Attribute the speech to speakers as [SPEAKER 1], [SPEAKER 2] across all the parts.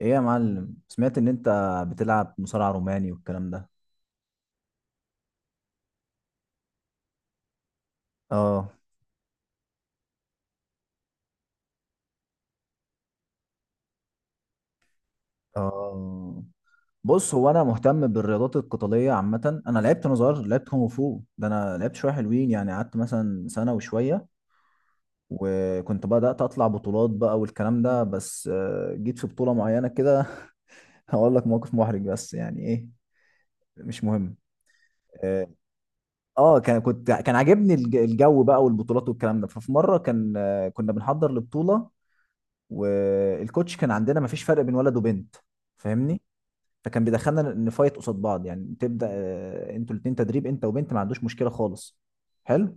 [SPEAKER 1] ايه يا معلم، سمعت ان انت بتلعب مصارع روماني والكلام ده؟ اه، اه. بص، هو انا مهتم بالرياضات القتاليه عامه. انا لعبت وانا صغير، لعبت كونغ فو ده. انا لعبت شويه حلوين يعني، قعدت مثلا سنه وشويه، وكنت بدات اطلع بطولات بقى والكلام ده. بس جيت في بطوله معينه كده. هقول لك موقف محرج، بس يعني ايه، مش مهم. اه، كان عاجبني الجو بقى والبطولات والكلام ده. ففي مره كان، كنا بنحضر لبطوله. والكوتش كان عندنا ما فيش فرق بين ولد وبنت، فاهمني؟ فكان بيدخلنا نفايت قصاد بعض. يعني تبدا، انتوا الاثنين تدريب، انت وبنت، ما عندوش مشكله خالص. حلو.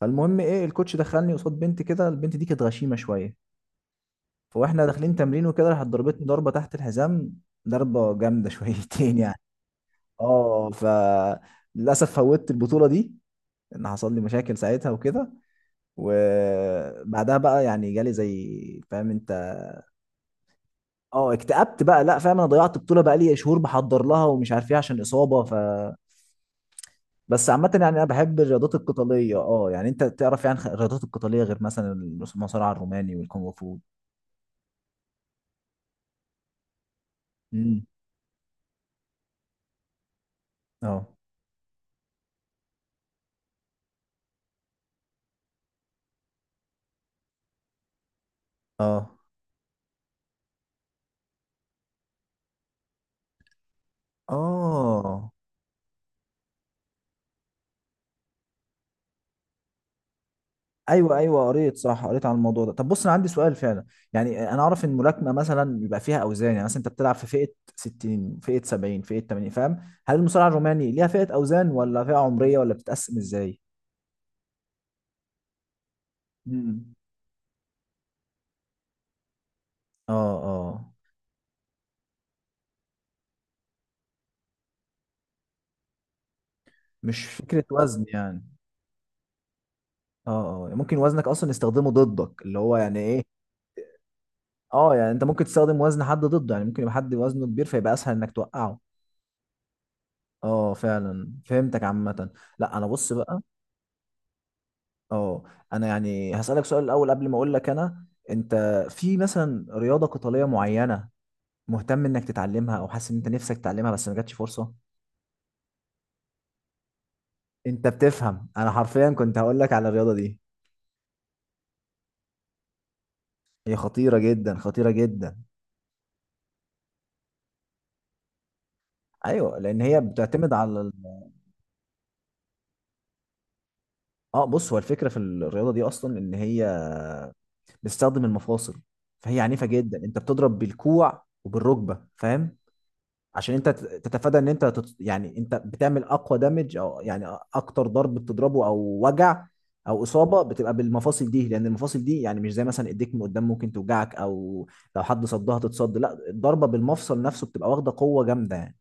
[SPEAKER 1] فالمهم ايه، الكوتش دخلني قصاد بنت كده. البنت دي كانت غشيمه شويه، فواحنا داخلين تمرين وكده، راحت ضربتني ضربه تحت الحزام. ضربه جامده شويتين يعني. اه، للاسف فوتت البطوله دي، ان حصل لي مشاكل ساعتها وكده. وبعدها بقى يعني جالي زي فاهم انت. اه، اكتئبت بقى، لا فاهم، انا ضيعت بطوله بقى لي شهور بحضر لها ومش عارف ايه عشان اصابه. بس عامه يعني انا بحب الرياضات القتاليه. اه يعني انت تعرف يعني، الرياضات القتاليه غير مثلا المصارعه الروماني والكونغ فو. امم. اه، اه، اه. ايوه ايوه، قريت صح، قريت عن الموضوع ده. طب بص، انا عندي سؤال فعلا. يعني انا اعرف ان الملاكمه مثلا بيبقى فيها اوزان. يعني مثلا انت بتلعب في فئه 60، فئه 70، فئه 80، فاهم؟ هل المصارعه الروماني ليها فئه اوزان ولا فئه عمريه ولا بتتقسم ازاي؟ امم، اه، اه. مش فكرة وزن يعني. اه، اه. ممكن وزنك اصلا يستخدمه ضدك، اللي هو يعني ايه؟ اه يعني انت ممكن تستخدم وزن حد ضده. يعني ممكن يبقى حد وزنه كبير، فيبقى اسهل انك توقعه. اه، فعلا فهمتك عامة. لا انا بص بقى، اه انا يعني هسألك سؤال الاول قبل ما اقول لك انا. انت في مثلا رياضة قتالية معينة مهتم انك تتعلمها او حاسس ان انت نفسك تتعلمها بس ما جاتش فرصة؟ انت بتفهم! انا حرفيا كنت هقول لك على الرياضة دي. هي خطيرة جدا، خطيرة جدا. ايوه، لان هي بتعتمد على... اه بص، هو الفكره في الرياضه دي اصلا ان هي بتستخدم المفاصل. فهي عنيفه جدا، انت بتضرب بالكوع وبالركبه، فاهم؟ عشان انت تتفادى ان انت يعني انت بتعمل اقوى دامج، او يعني اكتر ضرب بتضربه، او وجع، او اصابه بتبقى بالمفاصل دي. لان المفاصل دي يعني مش زي مثلا ايديك من قدام، ممكن توجعك، او لو حد صدها تتصد. لا، الضربه بالمفصل نفسه بتبقى واخده قوه جامده يعني.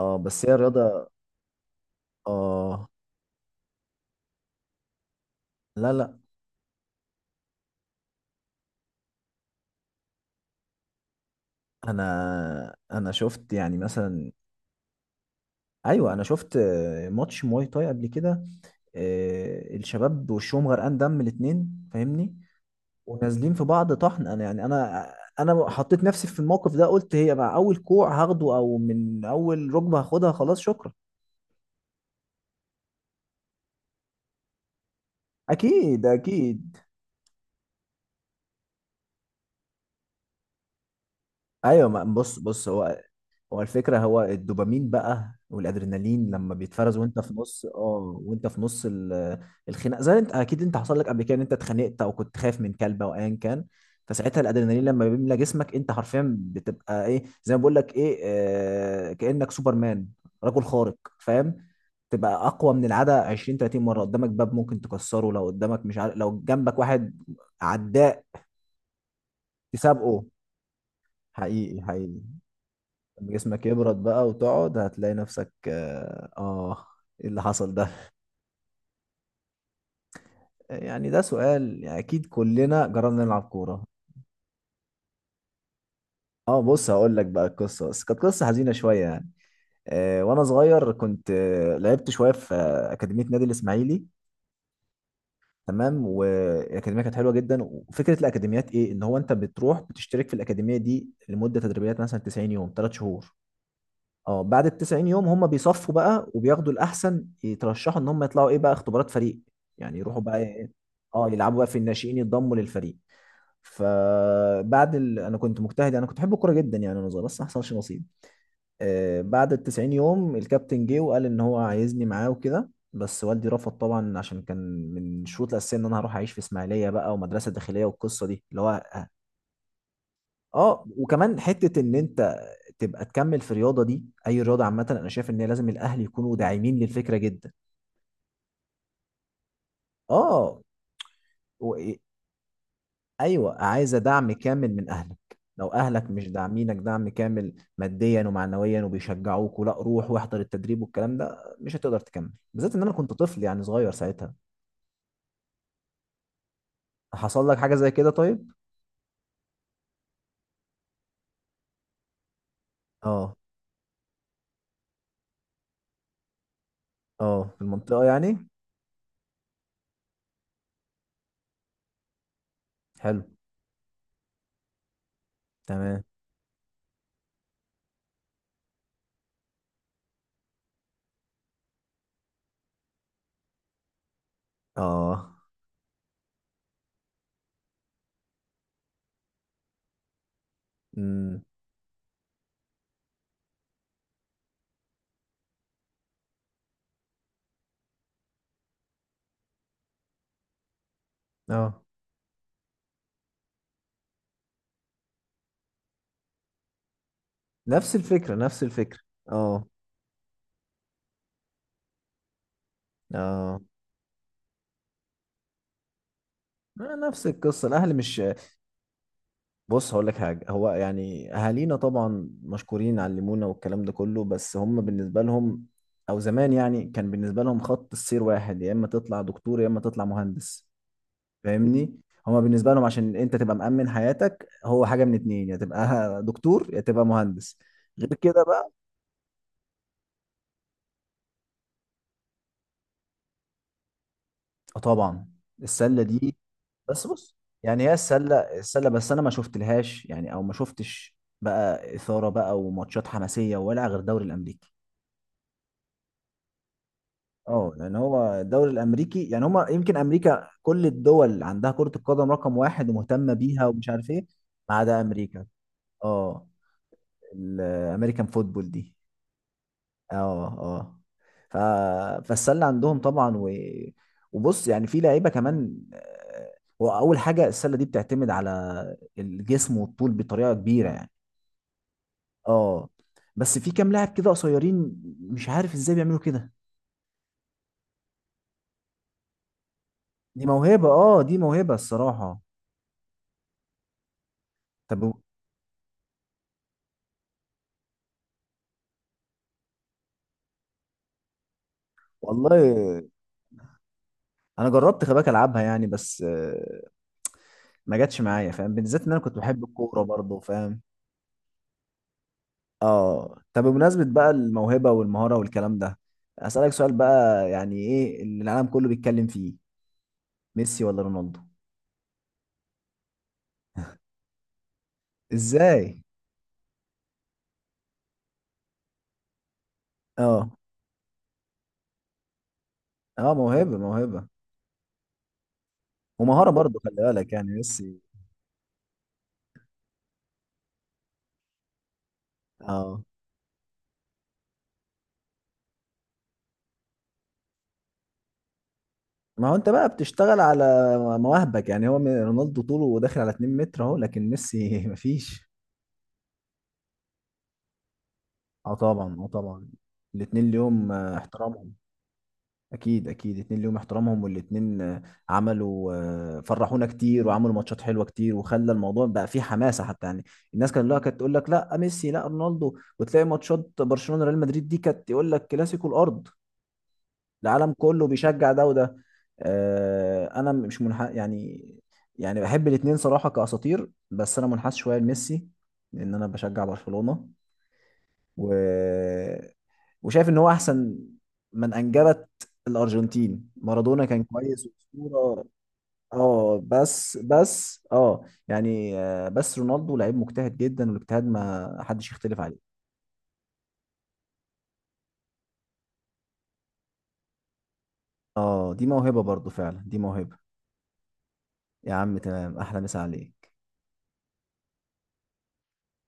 [SPEAKER 1] اه، بس هي الرياضه. اه، لا لا، انا شفت يعني مثلا... ايوه، انا شفت ماتش مواي تاي قبل كده. الشباب وشهم غرقان دم، الاتنين فاهمني؟ ونازلين في بعض طحن. انا يعني، انا حطيت نفسي في الموقف ده، قلت هي مع اول كوع هاخده، او من اول ركبه هاخدها. خلاص، شكرا. اكيد اكيد. ايوه، بص بص، هو هو الفكرة. هو الدوبامين بقى والادرينالين لما بيتفرز وانت في نص، وانت في نص الخناق. زي، انت اكيد انت حصل لك قبل كده ان انت اتخانقت او كنت خايف من كلب او ايا كان. فساعتها الادرينالين لما بيملى جسمك، انت حرفيا بتبقى ايه زي ما بقول لك ايه، كأنك سوبرمان، رجل خارق فاهم؟ تبقى اقوى من العاده 20، 30 مره. قدامك باب ممكن تكسره، لو قدامك مش عارف، لو جنبك واحد عداء تسابقه. حقيقي، حقيقي. لما جسمك يبرد بقى وتقعد، هتلاقي نفسك، ايه اللي حصل ده. يعني ده سؤال، يعني اكيد كلنا جربنا نلعب كورة. اه، بص هقول لك بقى القصة، بس كانت قصة حزينة شوية يعني. وانا صغير كنت لعبت شوية في أكاديمية نادي الإسماعيلي. تمام، والأكاديمية كانت حلوة جدا. وفكرة الأكاديميات ايه، ان هو انت بتروح بتشترك في الأكاديمية دي لمدة تدريبيات، مثلا 90 يوم، 3 شهور. اه، بعد ال 90 يوم هم بيصفوا بقى، وبياخدوا الاحسن يترشحوا ان هم يطلعوا ايه بقى، اختبارات فريق. يعني يروحوا بقى إيه؟ اه، يلعبوا بقى في الناشئين، يتضموا للفريق. فبعد انا كنت مجتهد، انا كنت بحب الكوره جدا يعني وانا صغير، بس ما حصلش نصيب. بعد ال 90 يوم الكابتن جه وقال ان هو عايزني معاه وكده. بس والدي رفض طبعا، عشان كان من الشروط الاساسيه ان انا هروح اعيش في اسماعيليه بقى ومدرسه داخليه، والقصه دي اللي هو... اه وكمان حته ان انت تبقى تكمل في الرياضه دي. اي رياضه عامه، انا شايف ان هي لازم الاهل يكونوا داعمين للفكره جدا. اه، و... إيه، ايوه، عايزه دعم كامل من اهلك. لو اهلك مش داعمينك دعم كامل ماديا ومعنويا، وبيشجعوك ولا روح واحضر التدريب والكلام ده، مش هتقدر تكمل، بالذات ان انا كنت طفل يعني صغير ساعتها. حصل لك حاجه زي كده؟ طيب. اه، اه، في المنطقه يعني. حلو. تمام. اه. امم. اه. نفس الفكره، نفس الفكره. اه، اه. ما نفس القصة، الأهل مش... بص هقول لك حاجة، هو يعني أهالينا طبعا مشكورين علمونا والكلام ده كله، بس هم بالنسبة لهم، أو زمان يعني، كان بالنسبة لهم خط السير واحد، يا إما تطلع دكتور يا إما تطلع مهندس، فاهمني؟ هما بالنسبة لهم عشان أنت تبقى مأمن حياتك، هو حاجة من اتنين، يا تبقى دكتور يا تبقى مهندس. غير كده بقى... آه طبعا. السلة دي... بس بص يعني، هي السله. السله، بس انا ما شفت لهاش يعني، او ما شفتش بقى اثاره بقى وماتشات حماسيه ولا غير الدوري الامريكي. اه، يعني هو الدوري الامريكي يعني، هما يمكن امريكا... كل الدول عندها كره القدم رقم واحد ومهتمه بيها ومش عارف ايه، ما عدا امريكا. اه، الامريكان فوتبول دي. اه، اه. ف... فالسله عندهم طبعا وبص يعني في لعيبه كمان. هو اول حاجه السله دي بتعتمد على الجسم والطول بطريقه كبيره يعني. اه، بس في كام لاعب كده قصيرين، مش عارف ازاي بيعملوا كده. دي موهبه، دي موهبه الصراحه. طب والله، انا جربت خباك العبها يعني، بس ما جاتش معايا فاهم، بالذات ان انا كنت بحب الكوره برضه فاهم؟ اه، طب بمناسبة بقى الموهبة والمهارة والكلام ده، أسألك سؤال بقى. يعني ايه اللي العالم كله بيتكلم فيه، ميسي ولا رونالدو؟ ازاي؟ اه، اه، موهبة موهبة ومهارة برضو، خلي بالك، يعني ميسي... اه، ما هو انت بقى بتشتغل على مواهبك يعني. هو رونالدو طوله داخل على 2 متر اهو، لكن ميسي مفيش. اه طبعا، اه طبعا. الاتنين ليهم احترامهم. اكيد اكيد، اتنين ليهم احترامهم. والاتنين عملوا، فرحونا كتير وعملوا ماتشات حلوه كتير، وخلى الموضوع بقى فيه حماسه حتى يعني. الناس كانت، لا، كانت تقول لك لا ميسي لا رونالدو، وتلاقي ماتشات برشلونه ريال مدريد دي كانت يقول لك كلاسيكو الارض. العالم كله بيشجع ده وده. انا مش منح يعني. يعني بحب الاتنين صراحه كاساطير، بس انا منحاز شويه لميسي، لان انا بشجع برشلونه، و وشايف ان هو احسن من انجبت الارجنتين. مارادونا كان كويس واسطوره. اه، بس يعني بس رونالدو لعيب مجتهد جدا، والاجتهاد ما حدش يختلف عليه. اه، دي موهبه برضو فعلا، دي موهبه. يا عم تمام، احلى مسا عليك.